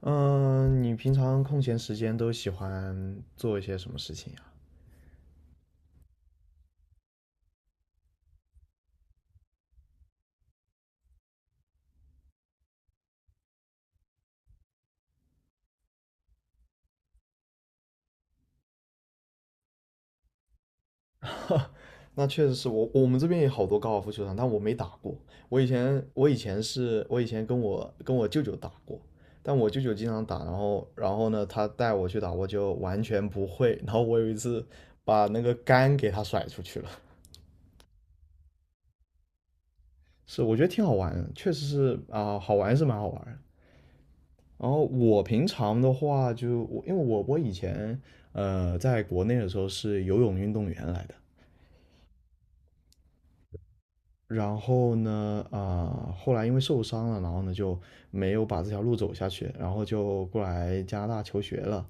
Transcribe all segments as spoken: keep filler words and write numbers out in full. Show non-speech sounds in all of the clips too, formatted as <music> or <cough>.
嗯，你平常空闲时间都喜欢做一些什么事情呀？那确实是我，我们这边也好多高尔夫球场，但我没打过。我以前，我以前是，我以前跟我跟我舅舅打过，但我舅舅经常打，然后然后呢，他带我去打，我就完全不会。然后我有一次把那个杆给他甩出去了。是，我觉得挺好玩的，确实是啊，好玩是蛮好玩的。然后我平常的话就，我因为我我以前呃在国内的时候是游泳运动员来的。然后呢，啊、呃后来因为受伤了，然后呢就没有把这条路走下去，然后就过来加拿大求学了。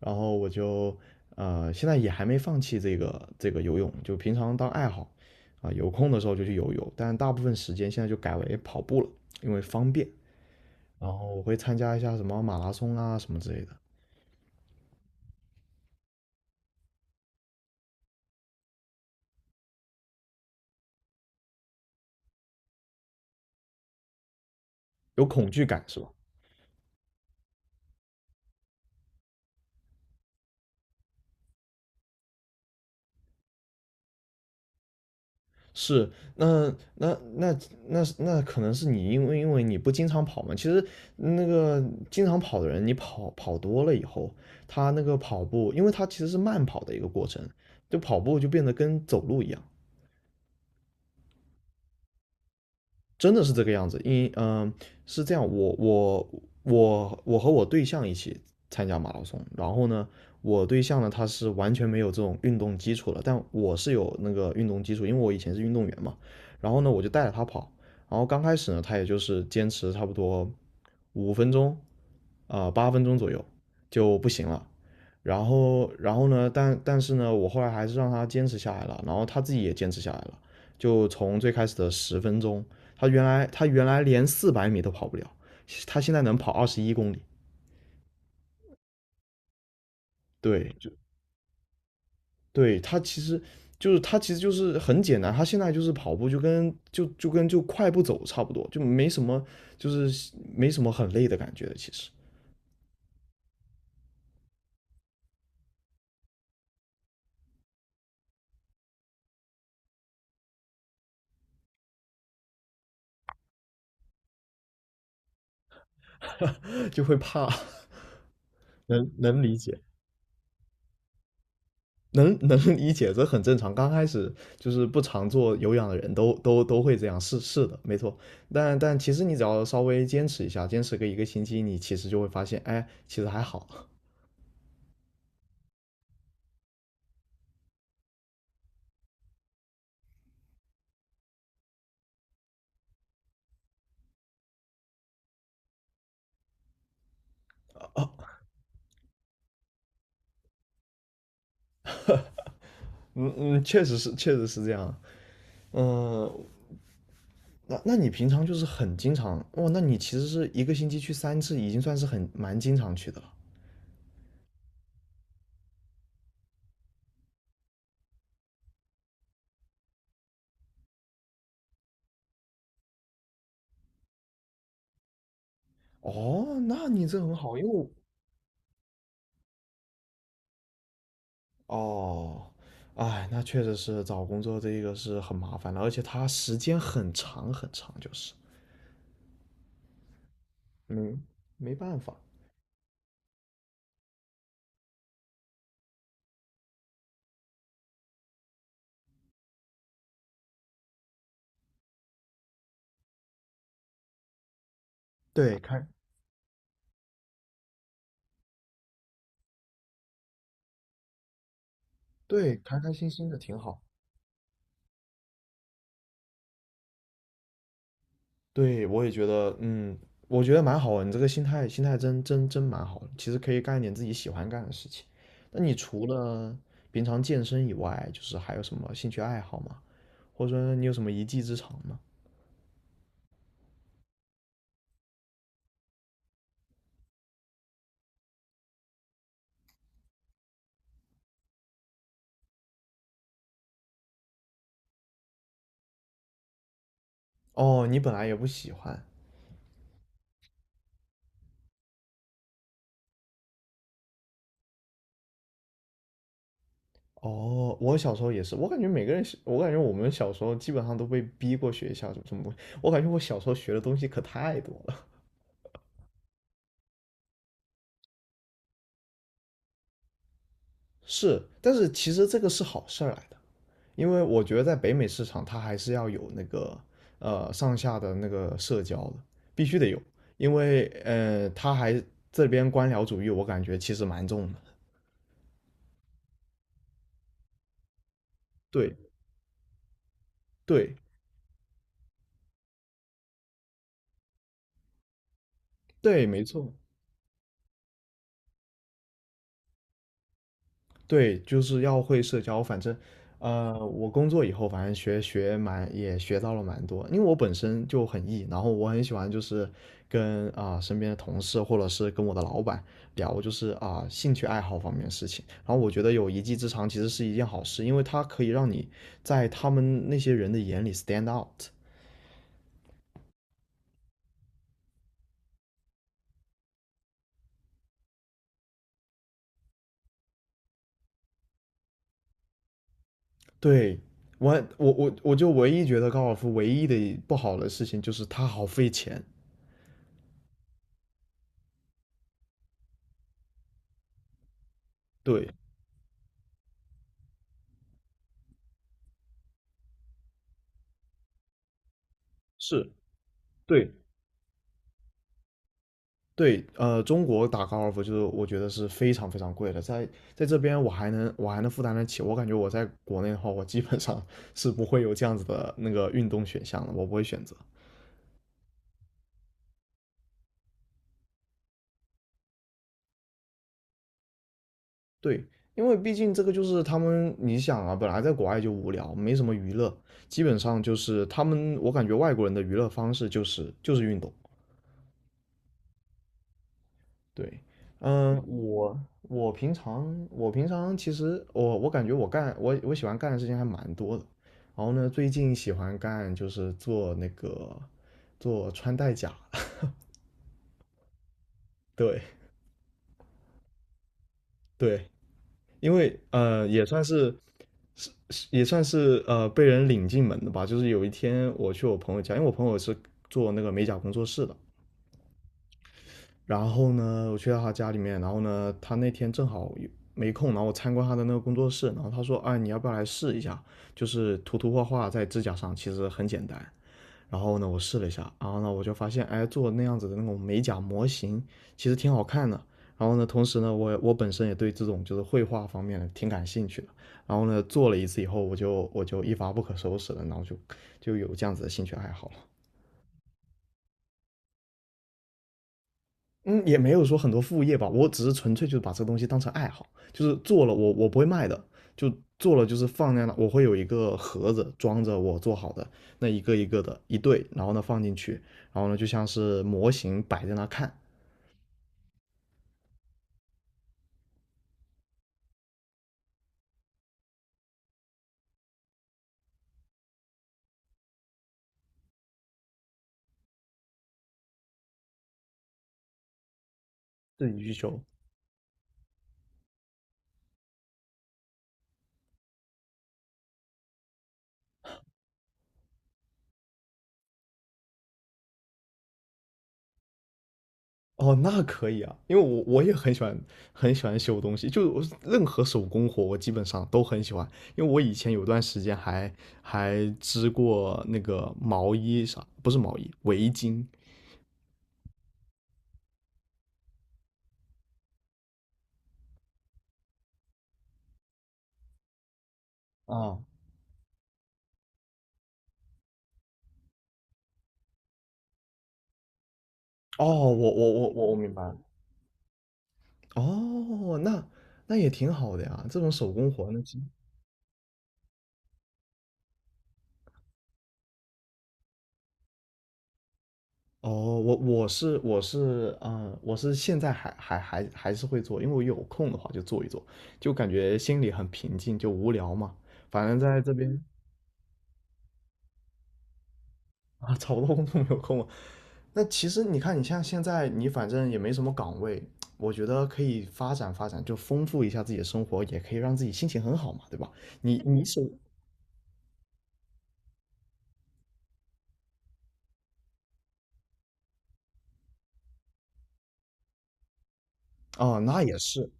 然后我就呃，现在也还没放弃这个这个游泳，就平常当爱好，啊、呃有空的时候就去游泳，但大部分时间现在就改为跑步了，因为方便。然后我会参加一下什么马拉松啊什么之类的。有恐惧感是吧？是，那那那那那可能是你因为因为你不经常跑嘛。其实那个经常跑的人，你跑跑多了以后，他那个跑步，因为他其实是慢跑的一个过程，就跑步就变得跟走路一样。真的是这个样子，因嗯呃是这样，我我我我和我对象一起参加马拉松。然后呢，我对象呢他是完全没有这种运动基础的，但我是有那个运动基础，因为我以前是运动员嘛。然后呢我就带着他跑，然后刚开始呢他也就是坚持差不多五分钟，啊，八、分钟左右就不行了。然后，然后呢？但但是呢，我后来还是让他坚持下来了，然后他自己也坚持下来了。就从最开始的十分钟，他原来他原来连四百米都跑不了，他现在能跑二十一公里。对，就对他其实就是他其实就是很简单，他现在就是跑步就跟就就跟就快步走差不多，就没什么就是没什么很累的感觉的其实。 <laughs> 就会怕。<laughs> 能能理解。能 <laughs> 能理解，这很正常。刚开始就是不常做有氧的人都都都会这样，是是的，没错。但但其实你只要稍微坚持一下，坚持个一个星期，你其实就会发现，哎，其实还好。哦，嗯嗯，确实是，确实是这样。嗯，那那你平常就是很经常，哇哦，那你其实是一个星期去三次，已经算是很蛮经常去的了。哦，那你这很好，因为我。哦，哎，那确实是找工作这个是很麻烦的，而且它时间很长很长，就是没没办法。对，开对，开开心心的挺好。对，我也觉得，嗯，我觉得蛮好的，你这个心态心态真真真蛮好的。其实可以干一点自己喜欢干的事情。那你除了平常健身以外，就是还有什么兴趣爱好吗？或者说你有什么一技之长吗？哦，你本来也不喜欢。哦，我小时候也是，我感觉每个人小我感觉我们小时候基本上都被逼过学校什么什么东西。我感觉我小时候学的东西可太多了。<laughs> 是，但是其实这个是好事儿来的，因为我觉得在北美市场，它还是要有那个呃上下的那个社交的，必须得有，因为呃，它还这边官僚主义，我感觉其实蛮重的。对对对，没错。对，就是要会社交。反正，呃，我工作以后，反正学学蛮也学到了蛮多。因为我本身就很 E，然后我很喜欢就是跟啊、身边的同事或者是跟我的老板聊，就是啊、兴趣爱好方面的事情。然后我觉得有一技之长其实是一件好事，因为它可以让你在他们那些人的眼里 stand out。对，我我我我就唯一觉得高尔夫唯一的不好的事情就是它好费钱。对，是，对，对，呃，中国打高尔夫就是我觉得是非常非常贵的，在在这边我还能我还能负担得起，我感觉我在国内的话，我基本上 <laughs> 是不会有这样子的那个运动选项的，我不会选择。对，因为毕竟这个就是他们，你想啊，本来在国外就无聊，没什么娱乐，基本上就是他们，我感觉外国人的娱乐方式就是就是运动。对，嗯，我我平常我平常其实我我感觉我干我我喜欢干的事情还蛮多的。然后呢，最近喜欢干就是做那个做穿戴甲。对对，因为呃也算是是是也算是呃被人领进门的吧，就是有一天我去我朋友家，因为我朋友是做那个美甲工作室的，然后呢，我去到他家里面，然后呢，他那天正好没空，然后我参观他的那个工作室，然后他说，哎，你要不要来试一下？就是涂涂画画在指甲上，其实很简单。然后呢，我试了一下，然后呢，我就发现，哎，做那样子的那种美甲模型，其实挺好看的。然后呢，同时呢，我我本身也对这种就是绘画方面的挺感兴趣的。然后呢，做了一次以后，我就我就一发不可收拾了，然后就就有这样子的兴趣爱好了。嗯，也没有说很多副业吧，我只是纯粹就是把这个东西当成爱好，就是做了我我不会卖的，就做了就是放在那，我会有一个盒子装着我做好的那一个一个的一对，然后呢放进去，然后呢就像是模型摆在那看。自己去修。哦，那可以啊，因为我我也很喜欢，很喜欢修东西，就我任何手工活我基本上都很喜欢，因为我以前有段时间还还织过那个毛衣啥，不是毛衣，围巾。啊，哦，我我我我我明白了。哦，那那也挺好的呀，这种手工活呢。哦，我我是我是嗯、呃我是现在还还还还是会做，因为我有空的话就做一做，就感觉心里很平静，就无聊嘛。反正在这边。啊，找不到工作没有空嘛。那其实你看，你像现在你反正也没什么岗位，我觉得可以发展发展，就丰富一下自己的生活，也可以让自己心情很好嘛，对吧？你你手啊，那也是，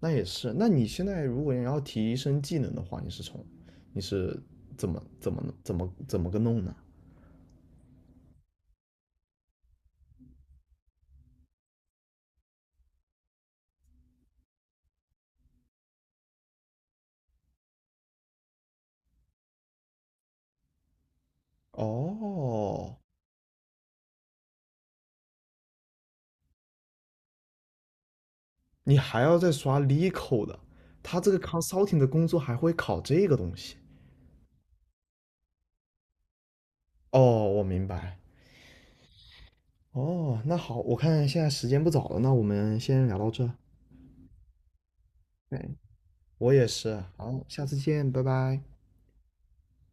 那也是。那你现在如果你要提升技能的话，你是从你是怎么怎么怎么怎么个弄呢？哦，你还要再刷 l e c o 的，他这个 consulting 的工作还会考这个东西。哦，我明白。哦，那好，我看现在时间不早了，那我们先聊到这。对，我也是。好，下次见，拜拜。